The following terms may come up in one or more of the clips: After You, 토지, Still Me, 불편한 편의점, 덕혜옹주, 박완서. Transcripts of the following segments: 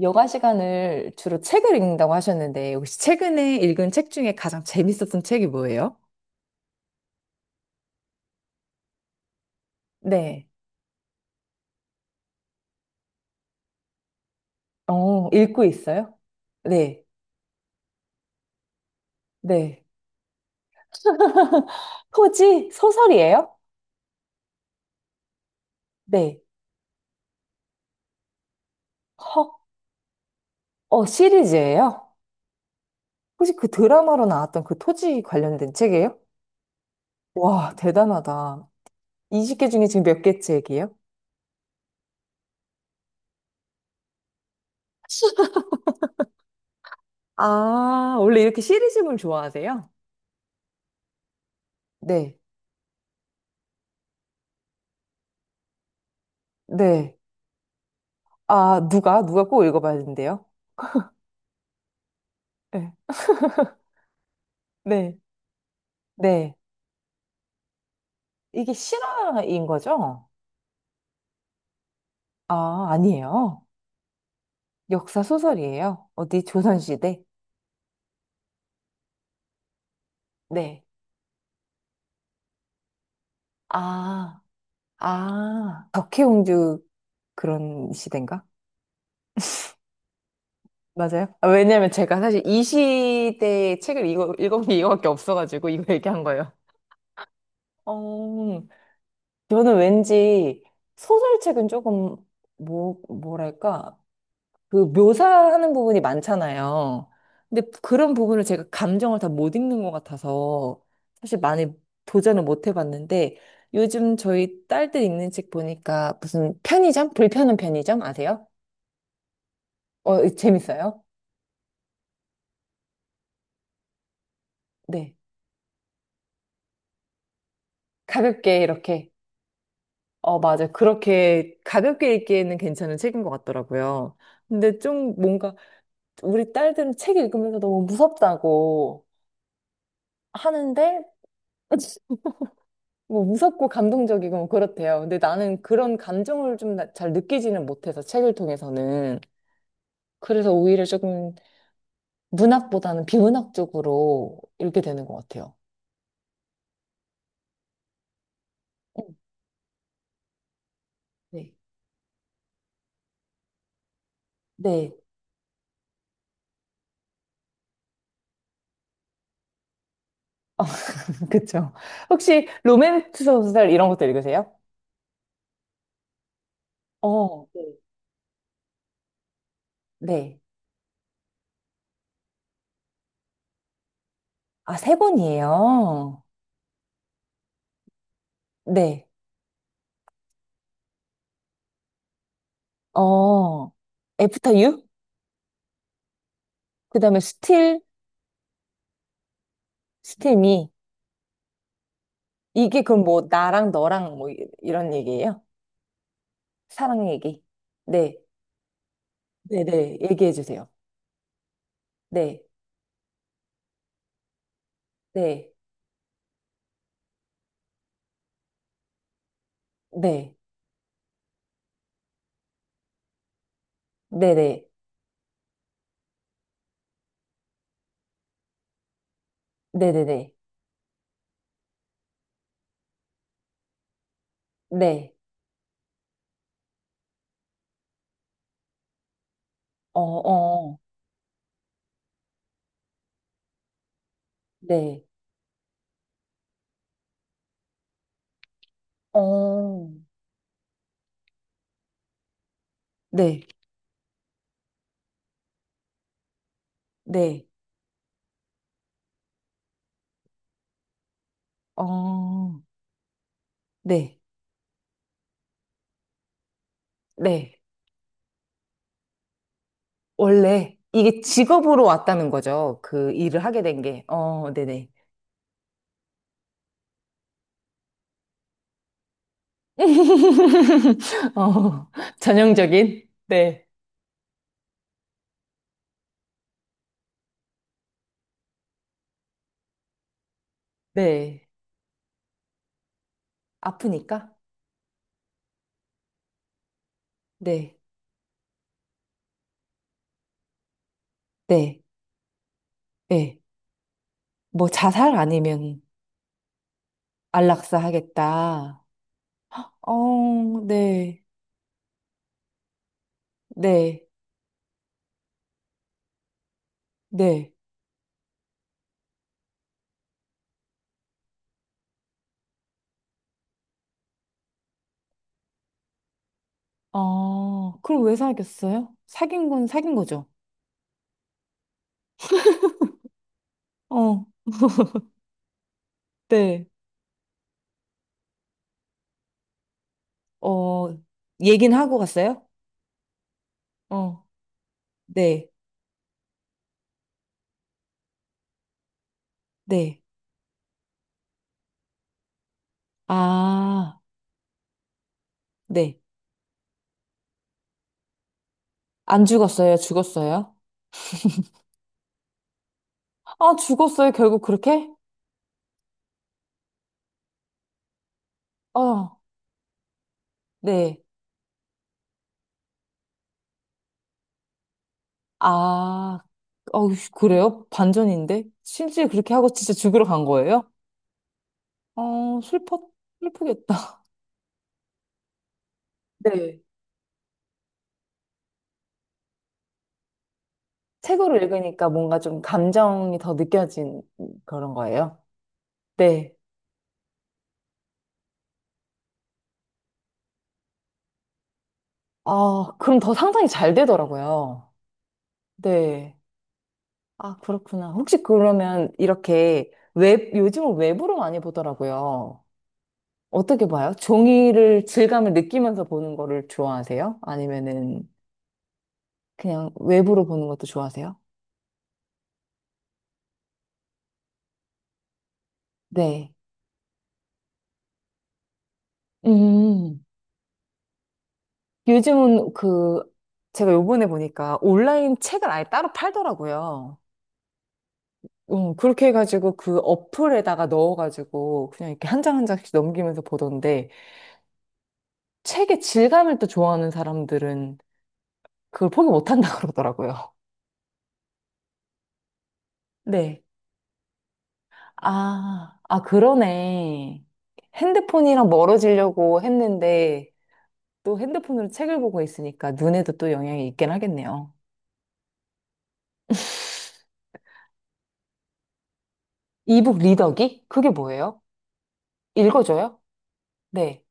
여가 시간을 주로 책을 읽는다고 하셨는데, 혹시 최근에 읽은 책 중에 가장 재밌었던 책이 뭐예요? 네. 어, 읽고 있어요? 네. 네. 토지 소설이에요? 네. 헉, 어, 시리즈예요? 혹시 그 드라마로 나왔던 그 토지 관련된 책이에요? 와, 대단하다. 20개 중에 지금 몇 개 책이에요? 아, 원래 이렇게 시리즈물 좋아하세요? 네. 네. 아, 누가? 누가 꼭 읽어봐야 된대요? 네. 네. 네. 이게 실화인 거죠? 아, 아니에요. 역사 소설이에요. 어디 조선시대? 네. 아, 아, 덕혜옹주 그런 시대인가? 맞아요? 아, 왜냐면 제가 사실 이 시대의 책을 읽은 게 이거밖에 없어가지고 이거 얘기한 거예요. 어, 저는 왠지 소설책은 조금 뭐랄까, 그 묘사하는 부분이 많잖아요. 근데 그런 부분을 제가 감정을 다 못 읽는 것 같아서 사실 많이 도전을 못 해봤는데 요즘 저희 딸들 읽는 책 보니까 무슨 편의점? 불편한 편의점 아세요? 어, 재밌어요? 네. 가볍게 이렇게. 어, 맞아. 그렇게 가볍게 읽기에는 괜찮은 책인 것 같더라고요. 근데 좀 뭔가 우리 딸들은 책 읽으면서 너무 무섭다고 하는데 뭐 무섭고 감동적이고 뭐 그렇대요. 근데 나는 그런 감정을 좀 잘 느끼지는 못해서 책을 통해서는. 그래서 오히려 조금 문학보다는 비문학 쪽으로 읽게 되는 것 같아요. 어, 네. 네. 그쵸. 혹시 로맨스 소설 이런 것도 읽으세요? 어, 네. 네. 아, 세 권이에요. 네. 어, 애프터 유? 그 다음에 스틸, 스틸 미. 이게 그럼 뭐 나랑 너랑 뭐 이런 얘기예요? 사랑 얘기. 네. 네네, 얘기해 주세요. 네, 네, 네, 네네, 네네네, 네, 어, 어, 네, 어, 네, 네, 어, 네, 네. 원래 이게 직업으로 왔다는 거죠. 그 일을 하게 된 게. 어, 네네. 어, 전형적인? 네, 네. 아프니까? 네, 네, 네. 뭐 자살 아니면 안락사 하겠다. 어, 네. 네, 네. 아, 그럼 왜 사귀었어요? 사귄 건 사귄 거죠? 어, 네. 어, 얘긴 하고 갔어요? 어. 네, 네. 아, 네. 안 죽었어요? 죽었어요? 아, 죽었어요? 결국 그렇게? 어, 네. 아, 어, 그래요? 반전인데? 실제 그렇게 하고 진짜 죽으러 간 거예요? 어, 슬퍼, 슬프겠다. 네. 책으로 읽으니까 뭔가 좀 감정이 더 느껴진 그런 거예요? 네. 아, 그럼 더 상상이 잘 되더라고요. 네. 아, 그렇구나. 혹시 그러면 이렇게 웹, 요즘은 웹으로 많이 보더라고요. 어떻게 봐요? 종이를 질감을 느끼면서 보는 거를 좋아하세요? 아니면은 그냥 웹으로 보는 것도 좋아하세요? 네. 음. 요즘은 그, 제가 요번에 보니까 온라인 책을 아예 따로 팔더라고요. 그렇게 해가지고 그 어플에다가 넣어가지고 그냥 이렇게 한 장 한 장씩 넘기면서 보던데 책의 질감을 또 좋아하는 사람들은 그걸 포기 못한다 그러더라고요. 네. 아, 아, 그러네. 핸드폰이랑 멀어지려고 했는데 또 핸드폰으로 책을 보고 있으니까 눈에도 또 영향이 있긴 하겠네요. 이북 리더기? 그게 뭐예요? 읽어줘요? 네,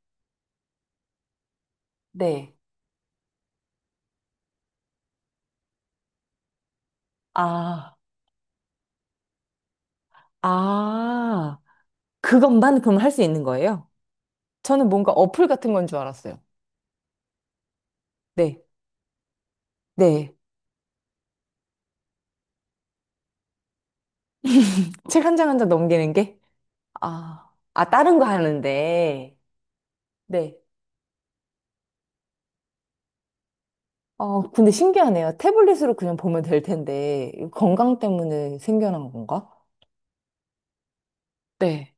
네. 아, 아, 그것만 그럼 할 수 있는 거예요? 저는 뭔가 어플 같은 건 줄 알았어요. 네, 네. 책 한 장 한 장 넘기는 게? 아, 아, 다른 거 하는데. 네. 어, 근데 신기하네요. 태블릿으로 그냥 보면 될 텐데, 이거 건강 때문에 생겨난 건가? 네.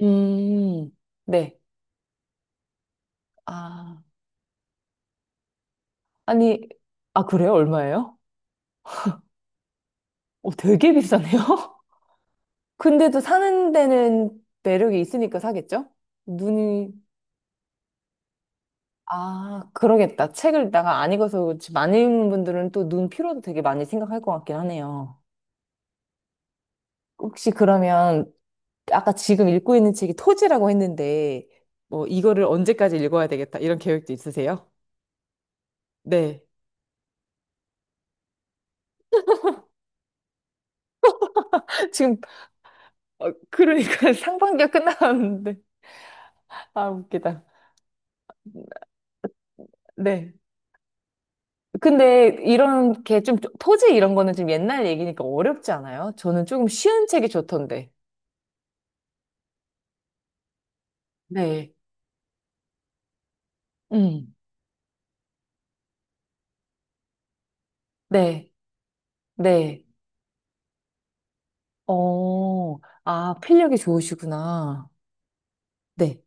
음, 네. 아, 아니, 아, 그래요? 얼마예요? 어, 되게 비싸네요? 근데도 사는 데는 매력이 있으니까 사겠죠? 눈이, 아, 그러겠다. 책을 내가 안 읽어서 그렇지. 많은 분들은 또 눈 피로도 되게 많이 생각할 것 같긴 하네요. 혹시 그러면 아까 지금 읽고 있는 책이 토지라고 했는데, 뭐, 이거를 언제까지 읽어야 되겠다, 이런 계획도 있으세요? 네. 지금, 어, 그러니까 상반기가 끝나가는데. 아, 웃기다. 네. 근데 이런 게 좀, 토지 이런 거는 좀 옛날 얘기니까 어렵지 않아요? 저는 조금 쉬운 책이 좋던데. 네. 음. 네. 네. 어, 아, 필력이 좋으시구나. 네.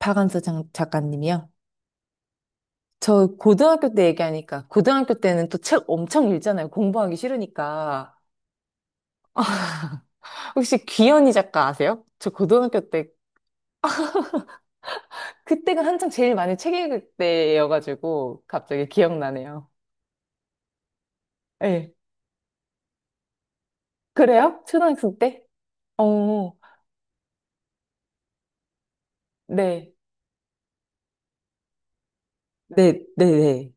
박완서 작가님이요? 저 고등학교 때 얘기하니까 고등학교 때는 또 책 엄청 읽잖아요. 공부하기 싫으니까. 혹시 귀현이 작가 아세요? 저 고등학교 때 그때가 한창 제일 많이 책 읽을 때여가지고 갑자기 기억나네요. 네. 그래요? 초등학생 때? 어, 네. 네, 네, 네.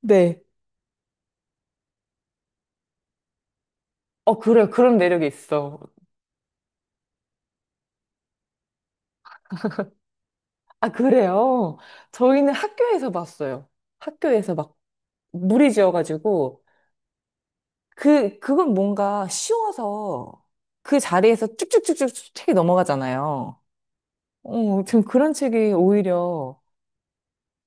네. 어, 그래요. 그런 매력이 있어. 아, 그래요? 저희는 학교에서 봤어요. 학교에서 막 무리 지어가지고 그, 그건 뭔가 쉬워서 그 자리에서 쭉쭉쭉쭉 책이 넘어가잖아요. 어, 전 그런 책이 오히려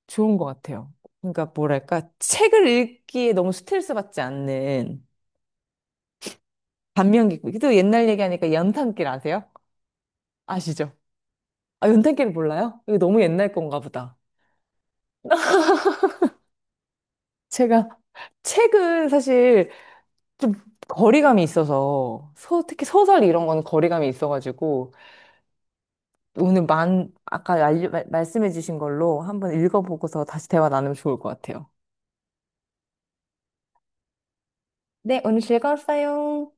좋은 것 같아요. 그러니까 뭐랄까, 책을 읽기에 너무 스트레스 받지 않는 반면기고, 또 옛날 얘기하니까 연탄길 아세요? 아시죠? 아, 연탄길 몰라요? 이거 너무 옛날 건가 보다. 제가 책은 사실 좀 거리감이 있어서, 소, 특히 소설 이런 건 거리감이 있어가지고, 오늘 만, 아까 알려, 말씀해주신 걸로 한번 읽어보고서 다시 대화 나누면 좋을 것 같아요. 네, 오늘 즐거웠어요.